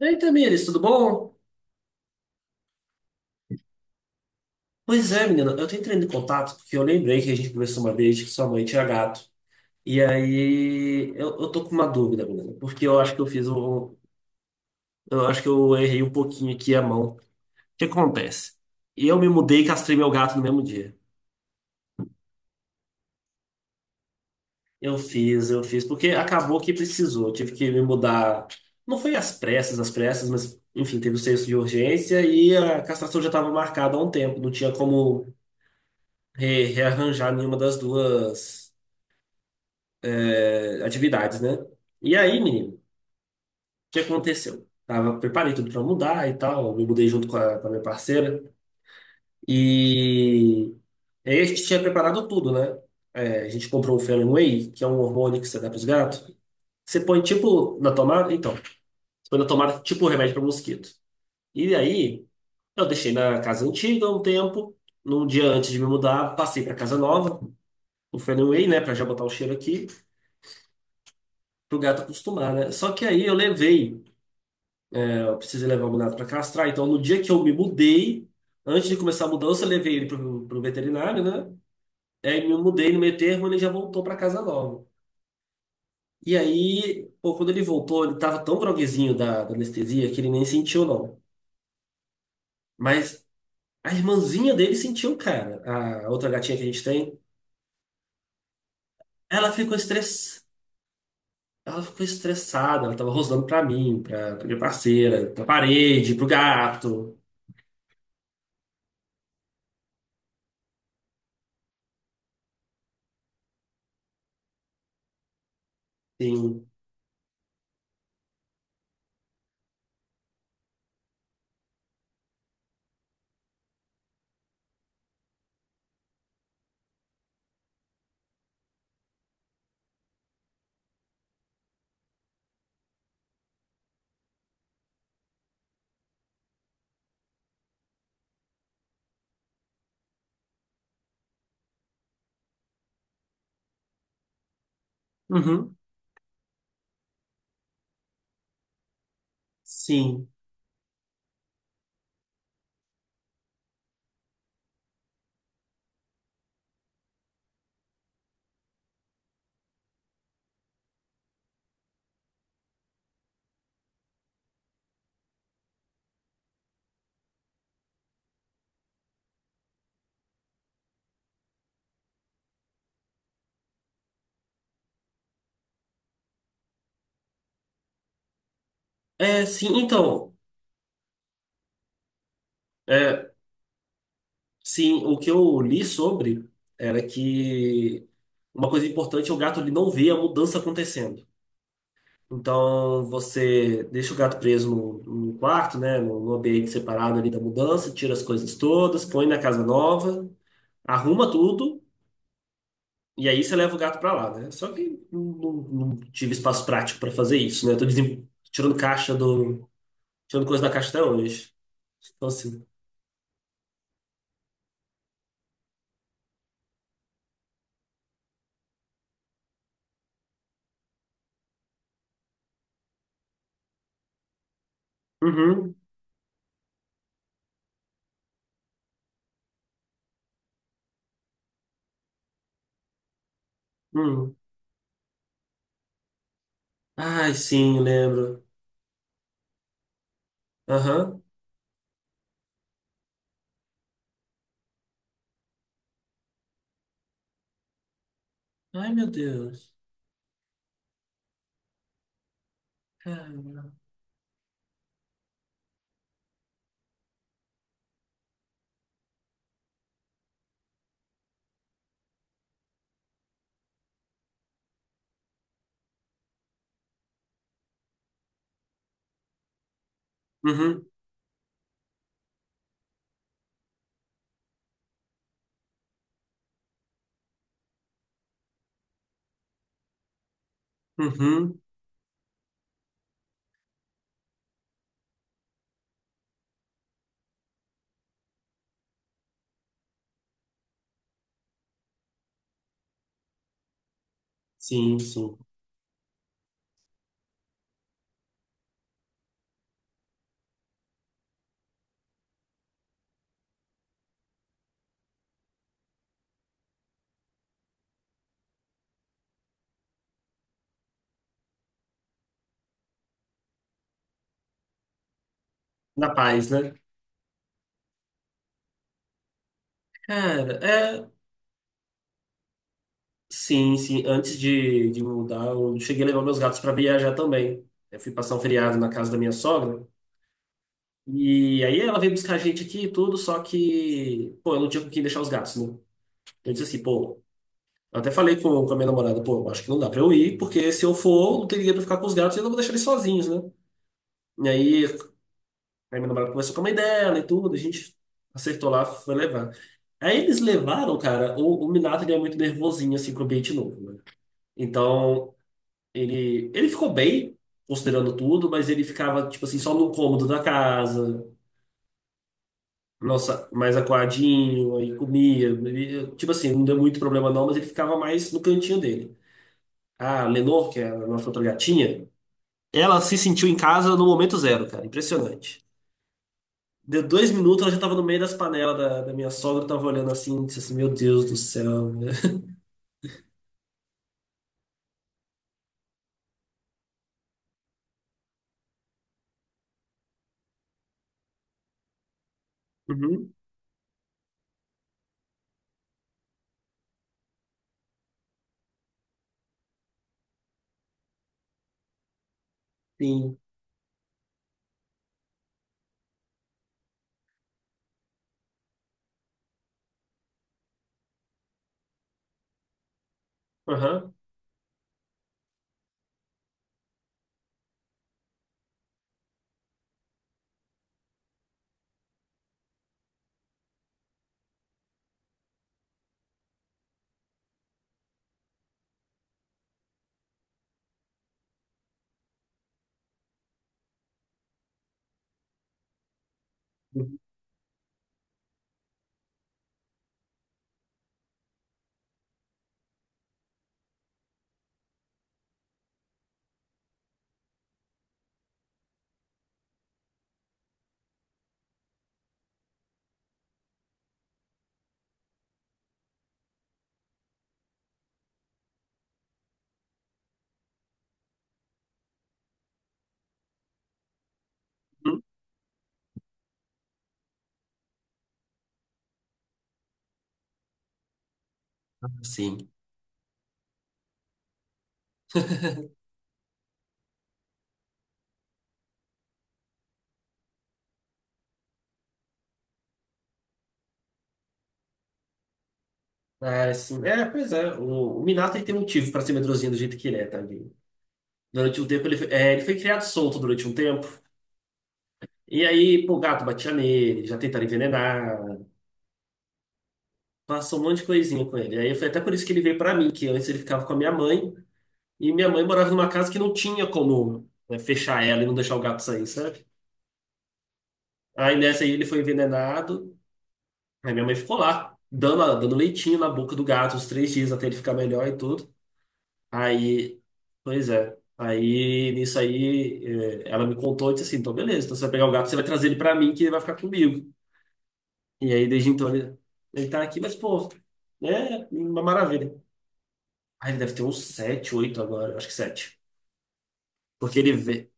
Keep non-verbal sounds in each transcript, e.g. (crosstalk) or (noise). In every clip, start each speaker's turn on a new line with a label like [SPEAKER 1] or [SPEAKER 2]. [SPEAKER 1] E aí, Tamires, tudo bom? Pois é, menina, eu tô entrando em contato porque eu lembrei que a gente conversou uma vez que sua mãe tinha gato. E aí, eu tô com uma dúvida, menina, porque eu acho que eu fiz um. Eu acho que eu errei um pouquinho aqui a mão. O que acontece? Eu me mudei e castrei meu gato no mesmo dia. Eu fiz, porque acabou que precisou. Eu tive que me mudar. Não foi às pressas, mas, enfim, teve o senso de urgência e a castração já estava marcada há um tempo. Não tinha como rearranjar nenhuma das duas atividades, né? E aí, menino, o que aconteceu? Tava, preparei tudo pra mudar e tal, me mudei junto com a minha parceira. E aí a gente tinha preparado tudo, né? É, a gente comprou o Fenway, que é um hormônio que você dá pros gatos. Você põe tipo na tomada, então, você põe na tomada tipo um remédio para mosquito. E aí, eu deixei na casa antiga um tempo. Num dia antes de me mudar, passei pra casa nova, o Fenway, né, pra já botar o cheiro aqui, pro gato acostumar, né? Só que aí eu levei. Eu precisei levar o Minato para castrar. Então, no dia que eu me mudei, antes de começar a mudança, eu levei ele pro veterinário, né? Aí me mudei no meio termo, ele já voltou para casa nova. E aí, pô, quando ele voltou, ele tava tão groguezinho da anestesia que ele nem sentiu, não. Mas a irmãzinha dele sentiu, cara. A outra gatinha que a gente tem, ela ficou estress... ela ficou estressada, ela tava rosnando pra mim, pra minha parceira, pra parede, pro gato. Sim. Uhum. Sim. É, sim, então. É, sim, o que eu li sobre era que uma coisa importante é o gato ele não vê a mudança acontecendo. Então você deixa o gato preso no, no quarto, né, no, no ambiente separado ali da mudança, tira as coisas todas, põe na casa nova, arruma tudo e aí você leva o gato pra lá, né? Só que não tive espaço prático pra fazer isso, né? Eu tô tirando caixa do, tirando coisa da caixa até hoje. Então assim. Uhum, uhum. Ai, sim, lembro. Aham. Ai, meu Deus. Cara. Uhum, uhum. Sim, sim. Na paz, né? Cara, é. Sim, sim. Antes de mudar, eu cheguei a levar meus gatos pra viajar também. Eu fui passar um feriado na casa da minha sogra. E aí ela veio buscar a gente aqui e tudo, só que, pô, eu não tinha com quem deixar os gatos, né? Eu disse assim, pô. Eu até falei com a minha namorada, pô, eu acho que não dá pra eu ir, porque se eu for, não teria pra ficar com os gatos e eu não vou deixar eles sozinhos, né? E aí, aí meu namorado conversou com a mãe dela e tudo, a gente acertou lá, foi levar. Aí eles levaram, cara, o Minato ele é muito nervosinho, assim, pro ambiente novo, né? Então, ele ficou bem, considerando tudo, mas ele ficava, tipo assim, só no cômodo da casa, nossa, mais acuadinho, aí comia, ele- tipo assim, não deu muito problema não, mas ele ficava mais no cantinho dele. A Lenor, que é a nossa outra gatinha, ela se sentiu em casa no momento zero, cara, impressionante. Deu 2 minutos, ela já tava no meio das panelas da minha sogra, tava olhando assim, disse assim, meu Deus do céu. Né? Uhum, sim. Aham. Uhum. Ah, sim. (laughs) Ah, sim. É, pois é. O Minato ele tem motivo pra ser medrosinho do jeito que ele é, também. Durante um tempo, ele foi, é, ele foi criado solto durante um tempo. E aí, pô, o gato batia nele, já tentaram envenenar. Passou um monte de coisinha com ele. Aí foi até por isso que ele veio pra mim, que antes ele ficava com a minha mãe. E minha mãe morava numa casa que não tinha como, né, fechar ela e não deixar o gato sair, sabe? Aí nessa aí ele foi envenenado. Aí minha mãe ficou lá, dando, dando leitinho na boca do gato uns 3 dias até ele ficar melhor e tudo. Aí, pois é. Aí nisso aí ela me contou e disse assim: então beleza, então você vai pegar o gato, você vai trazer ele pra mim que ele vai ficar comigo. E aí desde então ele tá aqui, mas pô, é uma maravilha. Aí ele deve ter uns 7, 8 agora, eu acho que 7. Porque ele vê,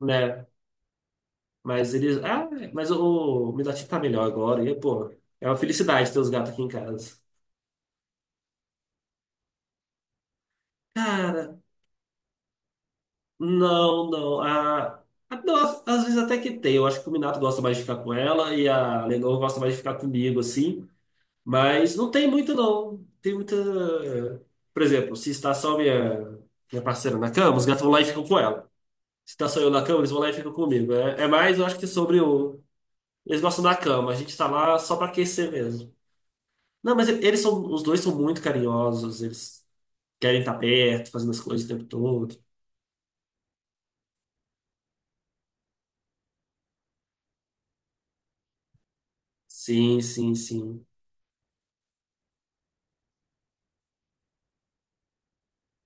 [SPEAKER 1] né? Mas ele, ah, mas o Midati tá melhor agora. E pô, é uma felicidade ter os gatos aqui em casa. Cara, não, não. Não, às vezes até que tem. Eu acho que o Minato gosta mais de ficar com ela e a Lenor gosta mais de ficar comigo, assim. Mas não tem muito, não. Tem muita. Por exemplo, se está só minha parceira na cama, os gatos vão lá e ficam com ela. Se está só eu na cama, eles vão lá e ficam comigo. É, é mais, eu acho que sobre o. Eles gostam da cama, a gente está lá só para aquecer mesmo. Não, mas e- eles são. Os dois são muito carinhosos, eles querem estar perto, fazendo as coisas o tempo todo. Sim, sim, sim.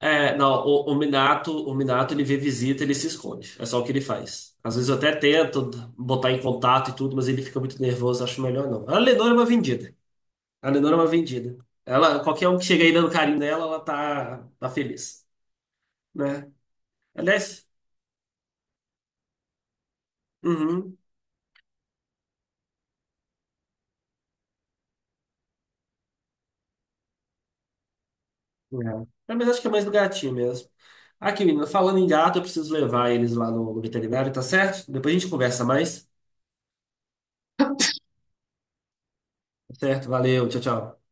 [SPEAKER 1] É, não, o Minato ele vê visita, ele se esconde. É só o que ele faz. Às vezes eu até tento botar em contato e tudo, mas ele fica muito nervoso, acho melhor não. A Lenora é uma vendida. A Lenora é uma vendida. Ela, qualquer um que chega aí dando carinho nela, ela tá, tá feliz, né? Aliás, uhum, é. É, mas acho que é mais do gatinho mesmo. Aqui, menina, falando em gato, eu preciso levar eles lá no, no veterinário, tá certo? Depois a gente conversa mais. Tá certo, valeu, tchau, tchau.